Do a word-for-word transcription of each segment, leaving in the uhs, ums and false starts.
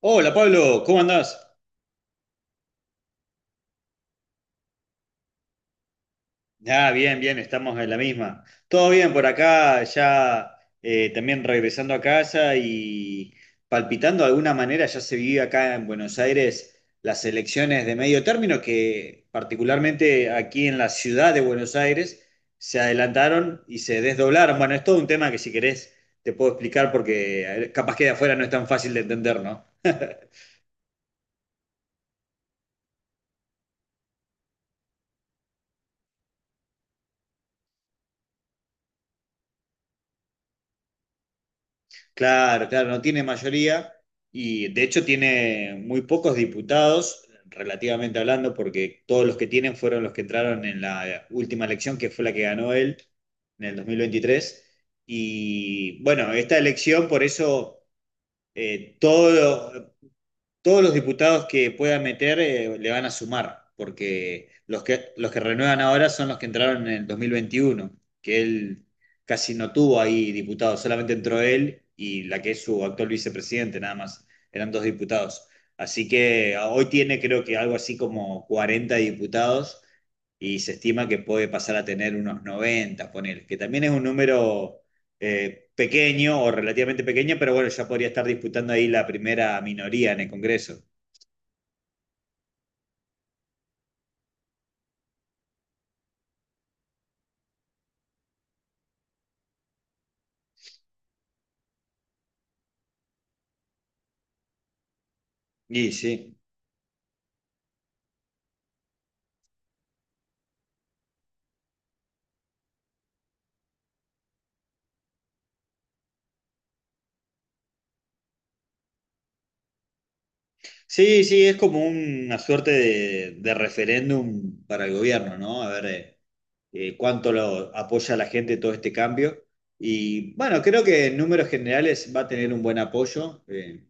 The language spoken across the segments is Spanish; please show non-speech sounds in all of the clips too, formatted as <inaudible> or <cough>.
Hola Pablo, ¿cómo andás? Ah, bien, bien, estamos en la misma. Todo bien por acá, ya eh, también regresando a casa y palpitando de alguna manera, ya se vive acá en Buenos Aires las elecciones de medio término que particularmente aquí en la ciudad de Buenos Aires se adelantaron y se desdoblaron. Bueno, es todo un tema que si querés te puedo explicar porque eh, capaz que de afuera no es tan fácil de entender, ¿no? Claro, claro, no tiene mayoría y de hecho tiene muy pocos diputados, relativamente hablando, porque todos los que tienen fueron los que entraron en la última elección, que fue la que ganó él en el dos mil veintitrés. Y bueno, esta elección, por eso, eh, todo, todos los diputados que pueda meter eh, le van a sumar, porque los que, los que renuevan ahora son los que entraron en el dos mil veintiuno, que él casi no tuvo ahí diputados, solamente entró él y la que es su actual vicepresidente, nada más, eran dos diputados. Así que ah, hoy tiene creo que algo así como cuarenta diputados y se estima que puede pasar a tener unos noventa, poner, que también es un número eh, pequeño o relativamente pequeño, pero bueno, ya podría estar disputando ahí la primera minoría en el Congreso. Y sí, sí, sí, es como una suerte de, de referéndum para el gobierno, ¿no? A ver, eh, eh, cuánto lo apoya la gente todo este cambio. Y bueno, creo que en números generales va a tener un buen apoyo. eh,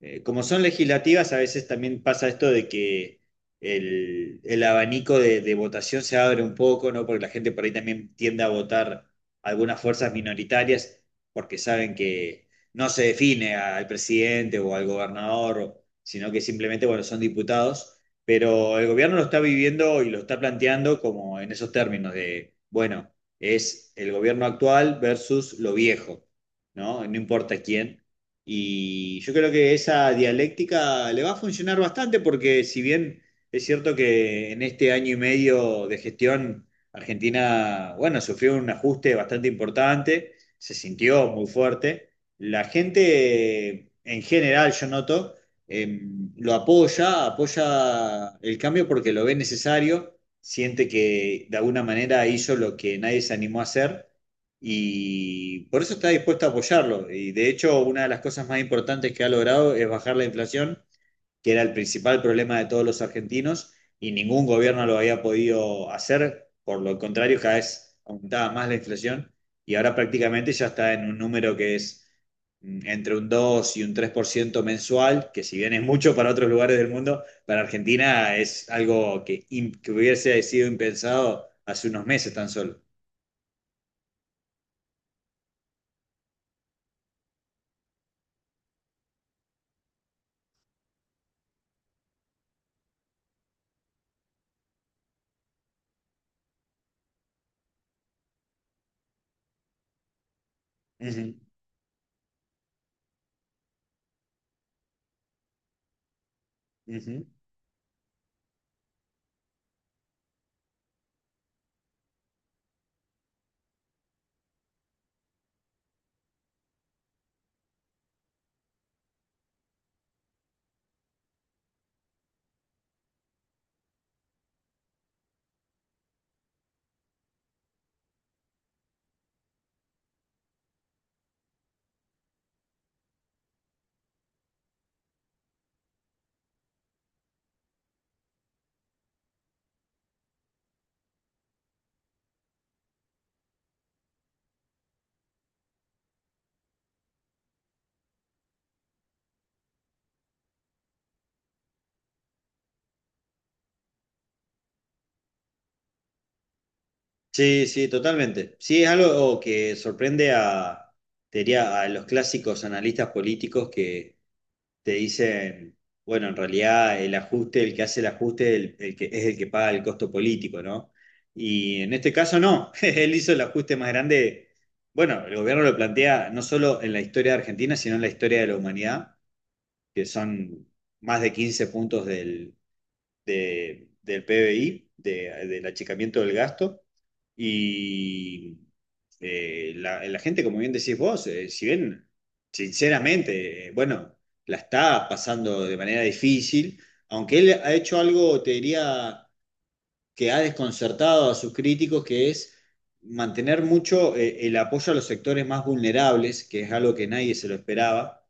eh, Como son legislativas, a veces también pasa esto de que el, el abanico de, de votación se abre un poco, ¿no? Porque la gente por ahí también tiende a votar algunas fuerzas minoritarias porque saben que no se define al presidente o al gobernador, o sino que simplemente, bueno, son diputados. Pero el gobierno lo está viviendo y lo está planteando como en esos términos de, bueno, es el gobierno actual versus lo viejo, ¿no? No importa quién. Y yo creo que esa dialéctica le va a funcionar bastante porque si bien es cierto que en este año y medio de gestión Argentina, bueno, sufrió un ajuste bastante importante, se sintió muy fuerte, la gente en general, yo noto, eh, lo apoya, apoya el cambio porque lo ve necesario, siente que de alguna manera hizo lo que nadie se animó a hacer y por eso está dispuesto a apoyarlo. Y de hecho, una de las cosas más importantes que ha logrado es bajar la inflación, que era el principal problema de todos los argentinos, y ningún gobierno lo había podido hacer. Por lo contrario, cada vez aumentaba más la inflación y ahora prácticamente ya está en un número que es mm, entre un dos y un tres por ciento mensual, que si bien es mucho para otros lugares del mundo, para Argentina es algo que, im- que hubiese sido impensado hace unos meses tan solo. Uh -huh, uh -huh. Sí, sí, totalmente. Sí, es algo que sorprende a, te diría, a los clásicos analistas políticos que te dicen, bueno, en realidad el ajuste, el que hace el ajuste, el, el que, es el que paga el costo político, ¿no? Y en este caso no, <laughs> él hizo el ajuste más grande, bueno, el gobierno lo plantea no solo en la historia de Argentina, sino en la historia de la humanidad, que son más de quince puntos de- del P B I, de- del achicamiento del gasto. Y eh, la, la gente, como bien decís vos, eh, si bien, sinceramente, eh, bueno, la está pasando de manera difícil, aunque él ha hecho algo, te diría, que ha desconcertado a sus críticos, que es mantener mucho eh, el apoyo a los sectores más vulnerables, que es algo que nadie se lo esperaba.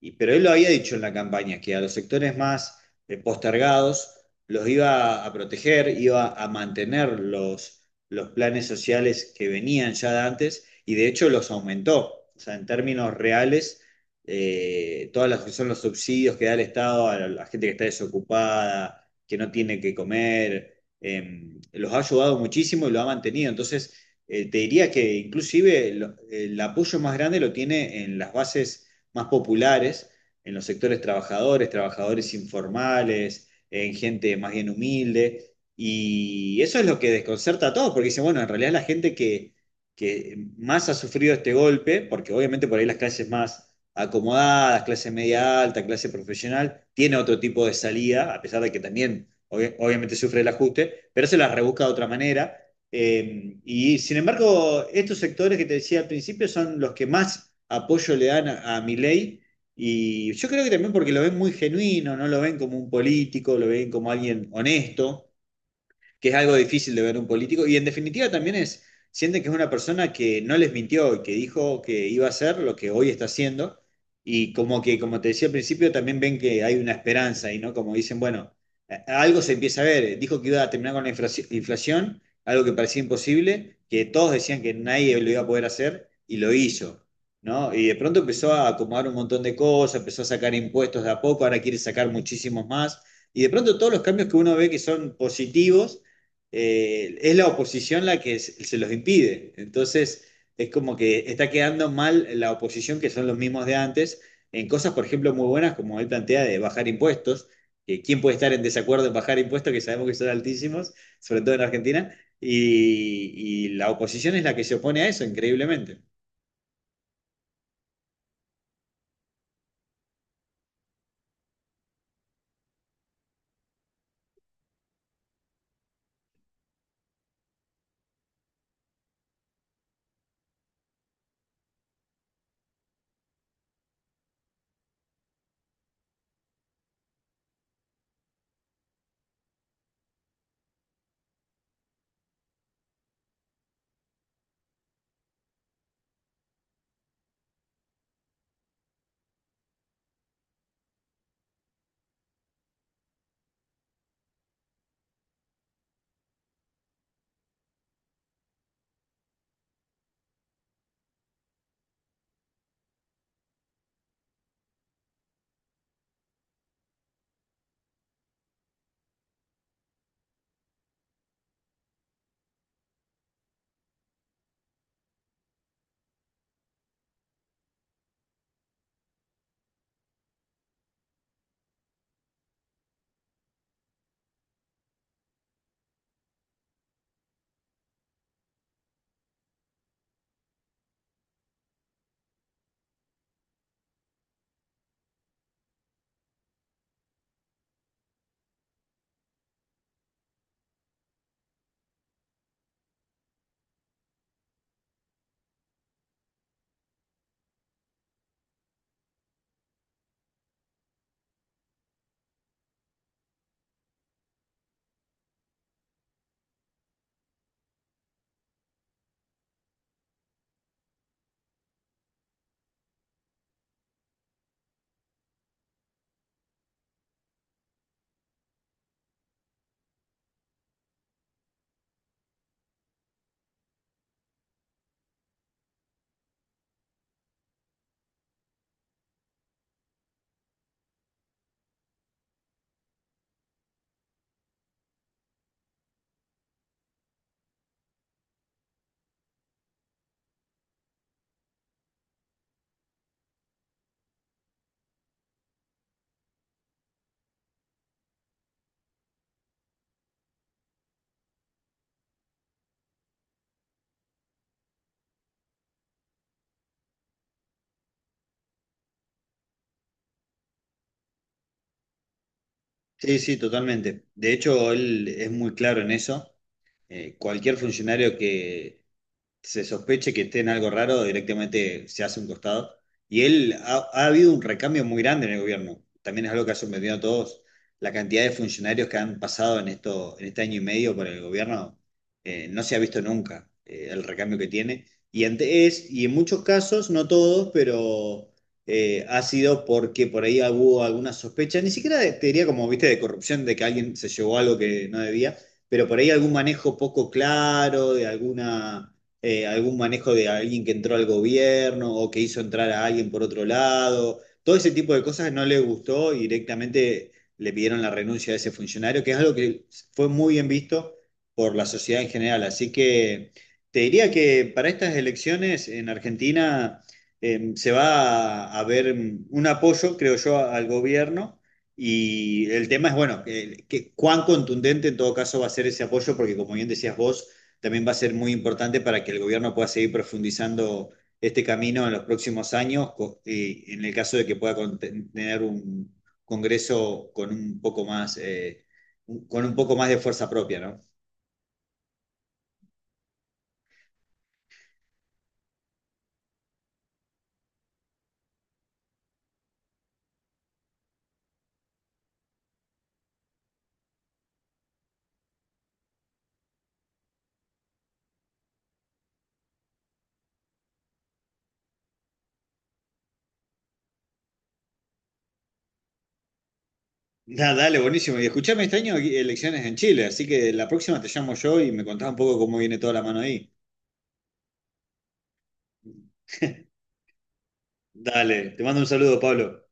Y pero él lo había dicho en la campaña, que a los sectores más eh, postergados los iba a proteger, iba a mantener los, los planes sociales que venían ya de antes y de hecho los aumentó. O sea, en términos reales, eh, todas las que son los subsidios que da el Estado a la gente que está desocupada, que no tiene que comer, em, los ha ayudado muchísimo y lo ha mantenido. Entonces, eh, te diría que inclusive lo- el apoyo más grande lo tiene en las bases más populares en los sectores trabajadores, trabajadores informales, en gente más bien humilde. Y eso es lo que desconcerta a todos, porque dicen, bueno, en realidad la gente que, que más ha sufrido este golpe, porque obviamente por ahí las clases más acomodadas, clase media alta, clase profesional, tiene otro tipo de salida, a pesar de que también obvi- obviamente sufre el ajuste, pero se la rebusca de otra manera. Eh, y sin embargo, estos sectores que te decía al principio son los que más apoyo le dan a, a Milei. Y yo creo que también porque lo ven muy genuino, no lo ven como un político, lo ven como alguien honesto que es algo difícil de ver un político. Y en definitiva también es, sienten que es una persona que no les mintió y que dijo que iba a hacer lo que hoy está haciendo. Y como que, como te decía al principio, también ven que hay una esperanza y no como dicen, bueno, eh, algo se empieza a ver. Dijo que iba a terminar con la inflación, algo que parecía imposible, que todos decían que nadie lo iba a poder hacer y lo hizo. ¿No? Y de pronto empezó a acomodar un montón de cosas, empezó a sacar impuestos de a poco, ahora quiere sacar muchísimos más. Y de pronto todos los cambios que uno ve que son positivos, eh, es la oposición la que se se los impide. Entonces, es como que está quedando mal la oposición, que son los mismos de antes, en cosas, por ejemplo, muy buenas, como él plantea, de bajar impuestos. Que ¿Quién puede estar en desacuerdo en bajar impuestos, que sabemos que son altísimos, sobre todo en Argentina? Y, y la oposición es la que se opone a eso, increíblemente. Sí, sí, totalmente. De hecho, él es muy claro en eso. Eh, cualquier funcionario que se sospeche que esté en algo raro, directamente se hace un costado. Y él ha, ha habido un recambio muy grande en el gobierno. También es algo que ha sorprendido a todos. La cantidad de funcionarios que han pasado en esto, en este año y medio por el gobierno, eh, no se ha visto nunca eh, el recambio que tiene. Y ante- es, y en muchos casos, no todos, pero eh, ha sido porque por ahí hubo alguna sospecha, ni siquiera de- te diría como, viste, de corrupción, de que alguien se llevó algo que no debía, pero por ahí algún manejo poco claro, de alguna eh, algún manejo de alguien que entró al gobierno o que hizo entrar a alguien por otro lado. Todo ese tipo de cosas no le gustó y directamente le pidieron la renuncia de ese funcionario, que es algo que fue muy bien visto por la sociedad en general. Así que te diría que para estas elecciones en Argentina eh, se va a a ver un apoyo, creo yo, al gobierno. Y el tema es, bueno, que, que cuán contundente en todo caso va a ser ese apoyo, porque como bien decías vos, también va a ser muy importante para que el gobierno pueda seguir profundizando este camino en los próximos años, y en el caso de que pueda tener un Congreso con un poco más, eh, con un poco más de fuerza propia, ¿no? Nah, dale, buenísimo. Y escuchame, este año hay elecciones en Chile, así que la próxima te llamo yo y me contás un poco cómo viene toda la mano ahí. <laughs> Dale, te mando un saludo, Pablo.